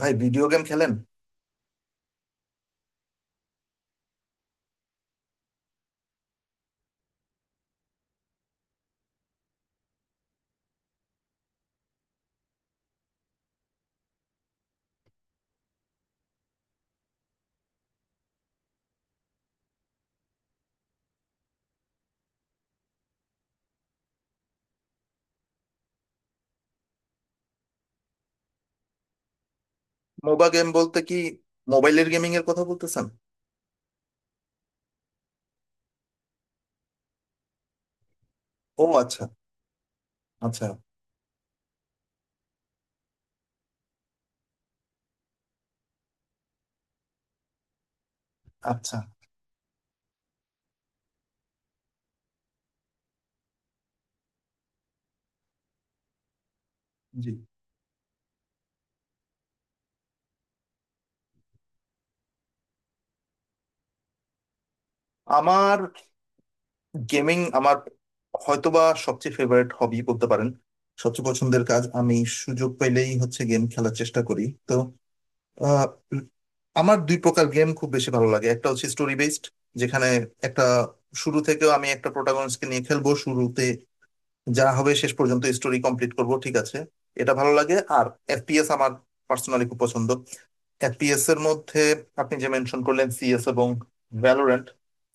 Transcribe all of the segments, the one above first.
ভাই, video game খেলেন? MOBA game বলতে কি? মোবাইলের গেমিং এর কথা বলতেছেন? ও আচ্ছা। আচ্ছা। আচ্ছা। জি। আমার গেমিং, আমার হয়তোবা সবচেয়ে ফেভারিট হবি বলতে পারেন। সবচেয়ে পছন্দের কাজ। আমি সুযোগ পেলেই হচ্ছে গেম খেলার চেষ্টা করি। তো আহ, আমার দুই প্রকার গেম খুব বেশি ভালো লাগে। একটা হচ্ছে স্টোরি বেসড, যেখানে একটা শুরু থেকেও আমি একটা প্রোটাগনিস্টকে নিয়ে খেলবো শুরুতে, যা হবে শেষ পর্যন্ত স্টোরি কমপ্লিট করব। ঠিক আছে, এটা ভালো লাগে। আর এফপিএস আমার পার্সোনালি খুব পছন্দ। এফপিএস এর মধ্যে আপনি যে মেনশন করলেন, সিএস এবং ভ্যালোরেন্ট,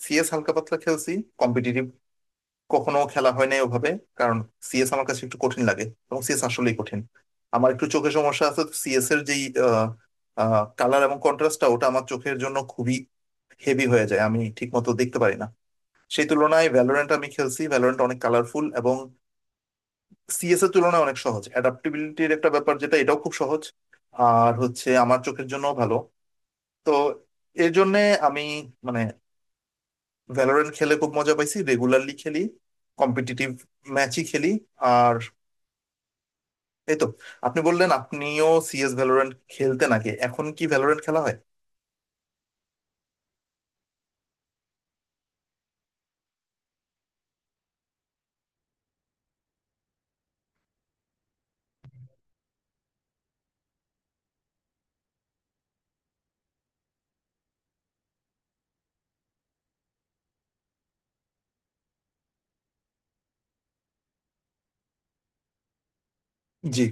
সিএস হালকা পাতলা খেলছি। কম্পিটিটিভ কখনো খেলা হয় নাই ওভাবে। কারণ সিএস আমার কাছে একটু কঠিন লাগে, এবং সিএস আসলেই কঠিন। আমার একটু চোখের সমস্যা আছে, সিএস এর যেই কালার এবং কন্ট্রাস্টটা ওটা আমার চোখের জন্য খুবই হেভি হয়ে যায়, আমি ঠিক মতো দেখতে পারি না। সেই তুলনায় ভ্যালোরেন্ট আমি খেলছি, ভ্যালোরেন্ট অনেক কালারফুল এবং সিএস এর তুলনায় অনেক সহজ। অ্যাডাপ্টিবিলিটির একটা ব্যাপার, যেটা এটাও খুব সহজ। আর হচ্ছে আমার চোখের জন্য ভালো। তো এর জন্য আমি মানে ভ্যালোরেন্ট খেলে খুব মজা পাইছি, রেগুলারলি খেলি, কম্পিটিটিভ ম্যাচই খেলি। আর এই তো। আপনি বললেন আপনিও সিএস ভ্যালোরেন্ট খেলতে, নাকি এখন কি ভ্যালোরেন্ট খেলা হয়? জি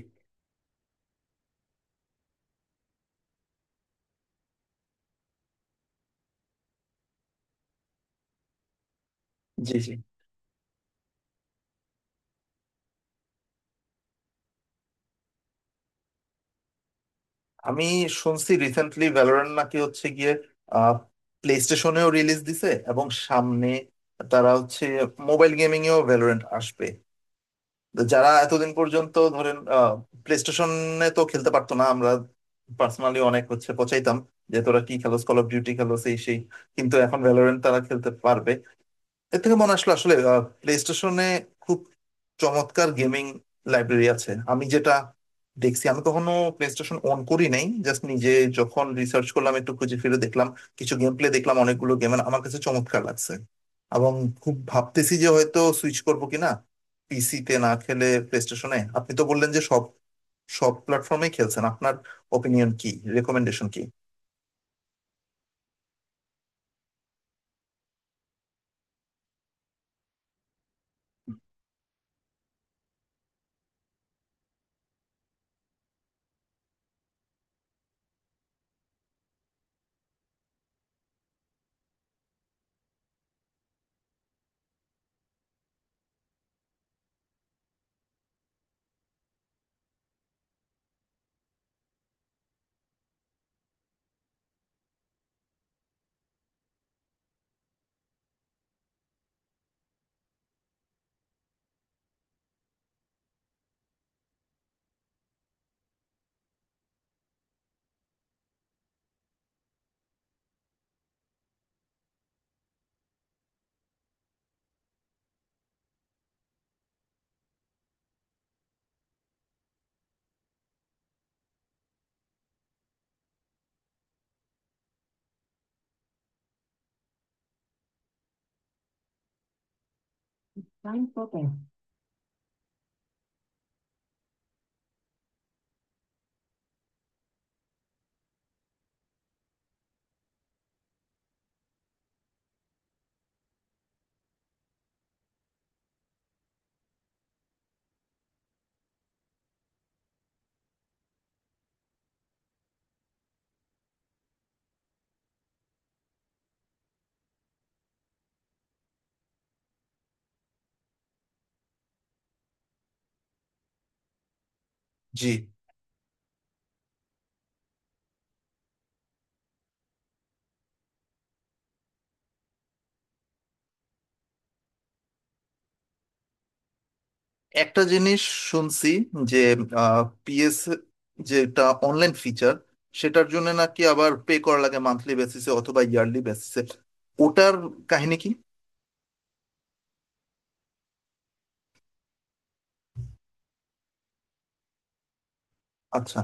জি। জি। আমি শুনছি রিসেন্টলি ভ্যালোরেন্ট নাকি হচ্ছে গিয়ে প্লে স্টেশনেও রিলিজ দিছে, এবং সামনে তারা হচ্ছে মোবাইল গেমিং এও ভ্যালোরেন্ট আসবে। যারা এতদিন পর্যন্ত ধরেন প্লে স্টেশনে তো খেলতে পারতো না, আমরা পার্সোনালি অনেক হচ্ছে পচাইতাম যে তোরা কি খেলোস, কল অফ ডিউটি খেলোস, এই সেই। কিন্তু এখন ভ্যালোরেন্ট তারা খেলতে পারবে। এর থেকে মনে আসলো, আসলে প্লে স্টেশনে খুব চমৎকার গেমিং লাইব্রেরি আছে, আমি যেটা দেখছি। আমি কখনো প্লে স্টেশন অন করি নাই, জাস্ট নিজে যখন রিসার্চ করলাম একটু খুঁজে ফিরে দেখলাম, কিছু গেম প্লে দেখলাম, অনেকগুলো গেম আমার কাছে চমৎকার লাগছে। এবং খুব ভাবতেছি যে হয়তো সুইচ করবো কিনা, পিসিতে না খেলে প্লে স্টেশনে। আপনি তো বললেন যে সব সব প্ল্যাটফর্মে খেলছেন। আপনার ওপিনিয়ন কি? রেকমেন্ডেশন কি? জি। একটা জিনিস শুনছি, যে পিএস যেটা অনলাইন ফিচার, সেটার জন্য নাকি আবার পে করা লাগে মান্থলি বেসিসে অথবা ইয়ারলি বেসিসে। ওটার কাহিনী কি? আচ্ছা।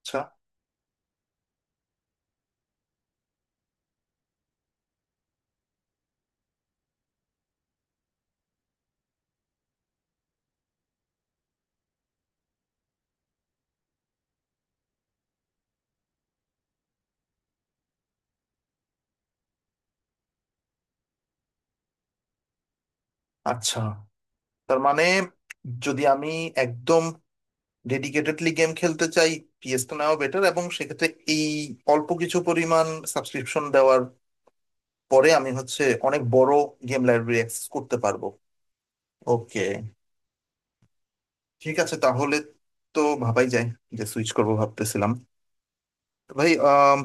আচ্ছা। আচ্ছা। তার মানে যদি আমি একদম ডেডিকেটেডলি গেম খেলতে চাই, পিএস তো নেওয়া বেটার, এবং সেক্ষেত্রে এই অল্প কিছু পরিমাণ সাবস্ক্রিপশন দেওয়ার পরে আমি হচ্ছে অনেক বড় গেম লাইব্রেরি অ্যাক্সেস করতে পারবো। ওকে, ঠিক আছে তাহলে। তো ভাবাই যায় যে সুইচ করব, ভাবতেছিলাম। তো ভাই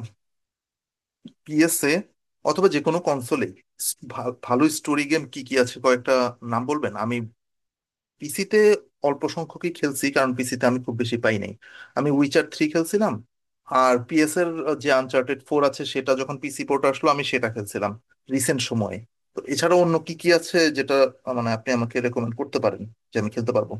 পিএসএ অথবা যে কোনো কনসোলে ভালো স্টোরি গেম কি কি আছে, কয়েকটা নাম বলবেন? আমি পিসিতে অল্প সংখ্যকই খেলছি, কারণ পিসিতে আমি খুব বেশি পাই নাই। আমি উইচার 3 খেলছিলাম। আর পিএস এর যে আনচার্টেড 4 আছে, সেটা যখন পিসি পোর্ট আসলো আমি সেটা খেলছিলাম রিসেন্ট সময়ে। তো এছাড়া অন্য কি কি আছে, যেটা মানে আপনি আমাকে রেকমেন্ড করতে পারেন যে আমি খেলতে পারবো?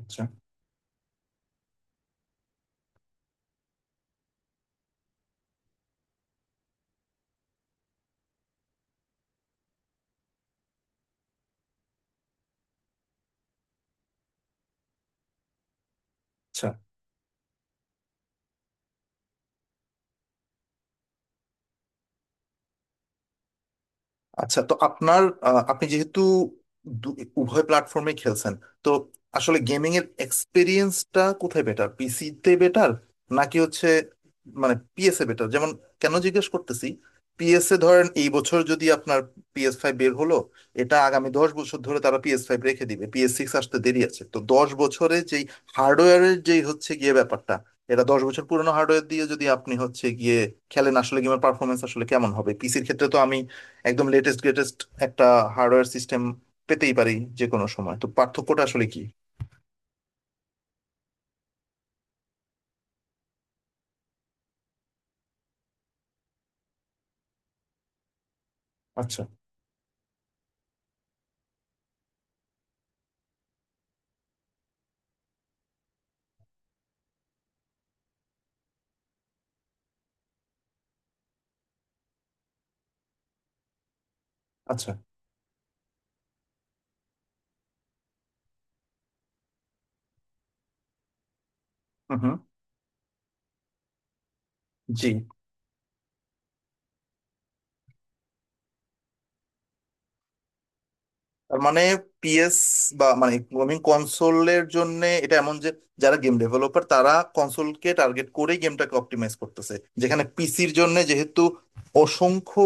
আচ্ছা। আচ্ছা। আচ্ছা। তো আপনার আপনি যেহেতু দু- উভয় প্ল্যাটফর্মে খেলছেন, তো আসলে গেমিং এর এক্সপিরিয়েন্সটা কোথায় বেটার? পিসিতে বেটার, নাকি হচ্ছে মানে পিএসএ বেটার? যেমন, কেন জিজ্ঞেস করতেছি, পিএসএ ধরেন এই বছর যদি আপনার পিএস 5 বের হলো, এটা আগামী 10 বছর ধরে তারা পিএস 5 রেখে দিবে। পিএস 6 আসতে দেরি আছে। তো 10 বছরে যেই হার্ডওয়্যারের যেই হচ্ছে গিয়ে ব্যাপারটা, এটা 10 বছর পুরনো হার্ডওয়্যার দিয়ে যদি আপনি হচ্ছে গিয়ে খেলেন, আসলে গেমের পারফরমেন্স আসলে কেমন হবে? পিসির ক্ষেত্রে তো আমি একদম লেটেস্ট গ্রেটেস্ট একটা হার্ডওয়্যার সিস্টেম পেতেই পারি যে কোনো সময়। তো পার্থক্যটা আসলে কি? আচ্ছা। আচ্ছা। হুম হুম। জি। তার মানে পিএস বা মানে গেমিং কনসোলের জন্য এটা এমন যে যারা গেম ডেভেলপার, তারা কনসোলকে টার্গেট করেই গেমটাকে অপটিমাইজ করতেছে। যেখানে পিসির জন্য যেহেতু অসংখ্য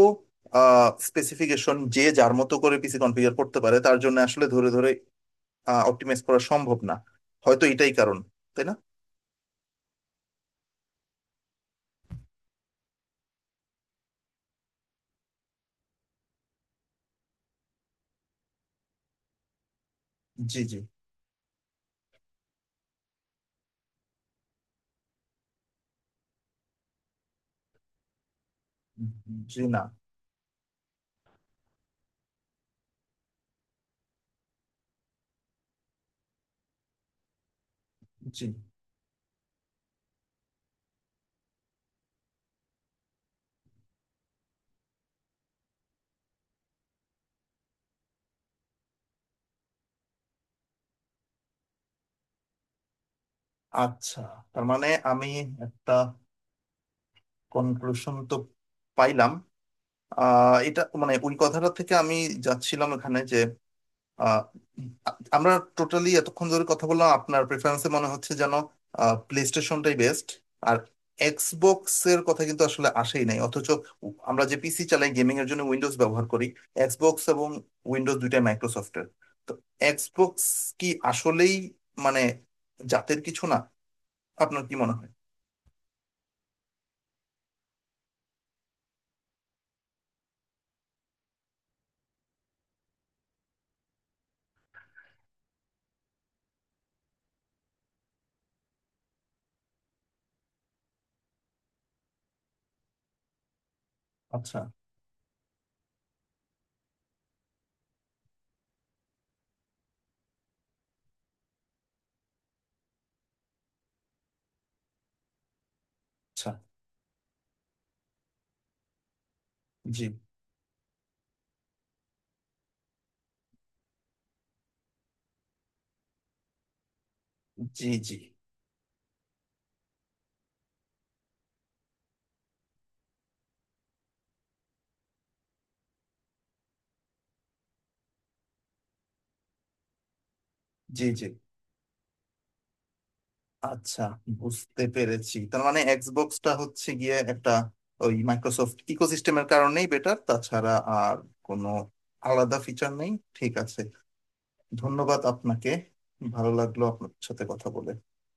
স্পেসিফিকেশন, যে যার মতো করে পিসি কনফিগার করতে পারে, তার জন্য আসলে ধরে ধরে অপটিমাইজ করা সম্ভব না। হয়তো এটাই কারণ। তাই না? জি জি। জি না। জি। আচ্ছা, তার মানে আমি একটা কনক্লুশন তো পাইলাম। এটা মানে ওই কথাটা থেকে আমি যাচ্ছিলাম এখানে যে আহ, আমরা টোটালি এতক্ষণ ধরে কথা বললাম, আপনার প্রেফারেন্সে মনে হচ্ছে যেন প্লে স্টেশনটাই বেস্ট। আর এক্সবক্স এর কথা কিন্তু আসলে আসেই নাই, অথচ আমরা যে পিসি চালাই গেমিং এর জন্য উইন্ডোজ ব্যবহার করি। এক্সবক্স এবং উইন্ডোজ দুইটাই মাইক্রোসফটের। তো এক্সবক্স কি আসলেই মানে জাতের কিছু না? আপনার কি মনে হয়? আচ্ছা। আচ্ছা। জি জি। জি জি। জি। আচ্ছা, বুঝতে পেরেছি। তার মানে এক্সবক্সটা হচ্ছে গিয়ে একটা ওই মাইক্রোসফট ইকোসিস্টেমের কারণেই বেটার, তাছাড়া আর কোনো আলাদা ফিচার নেই। ঠিক আছে, ধন্যবাদ আপনাকে। ভালো লাগলো আপনার সাথে কথা বলে।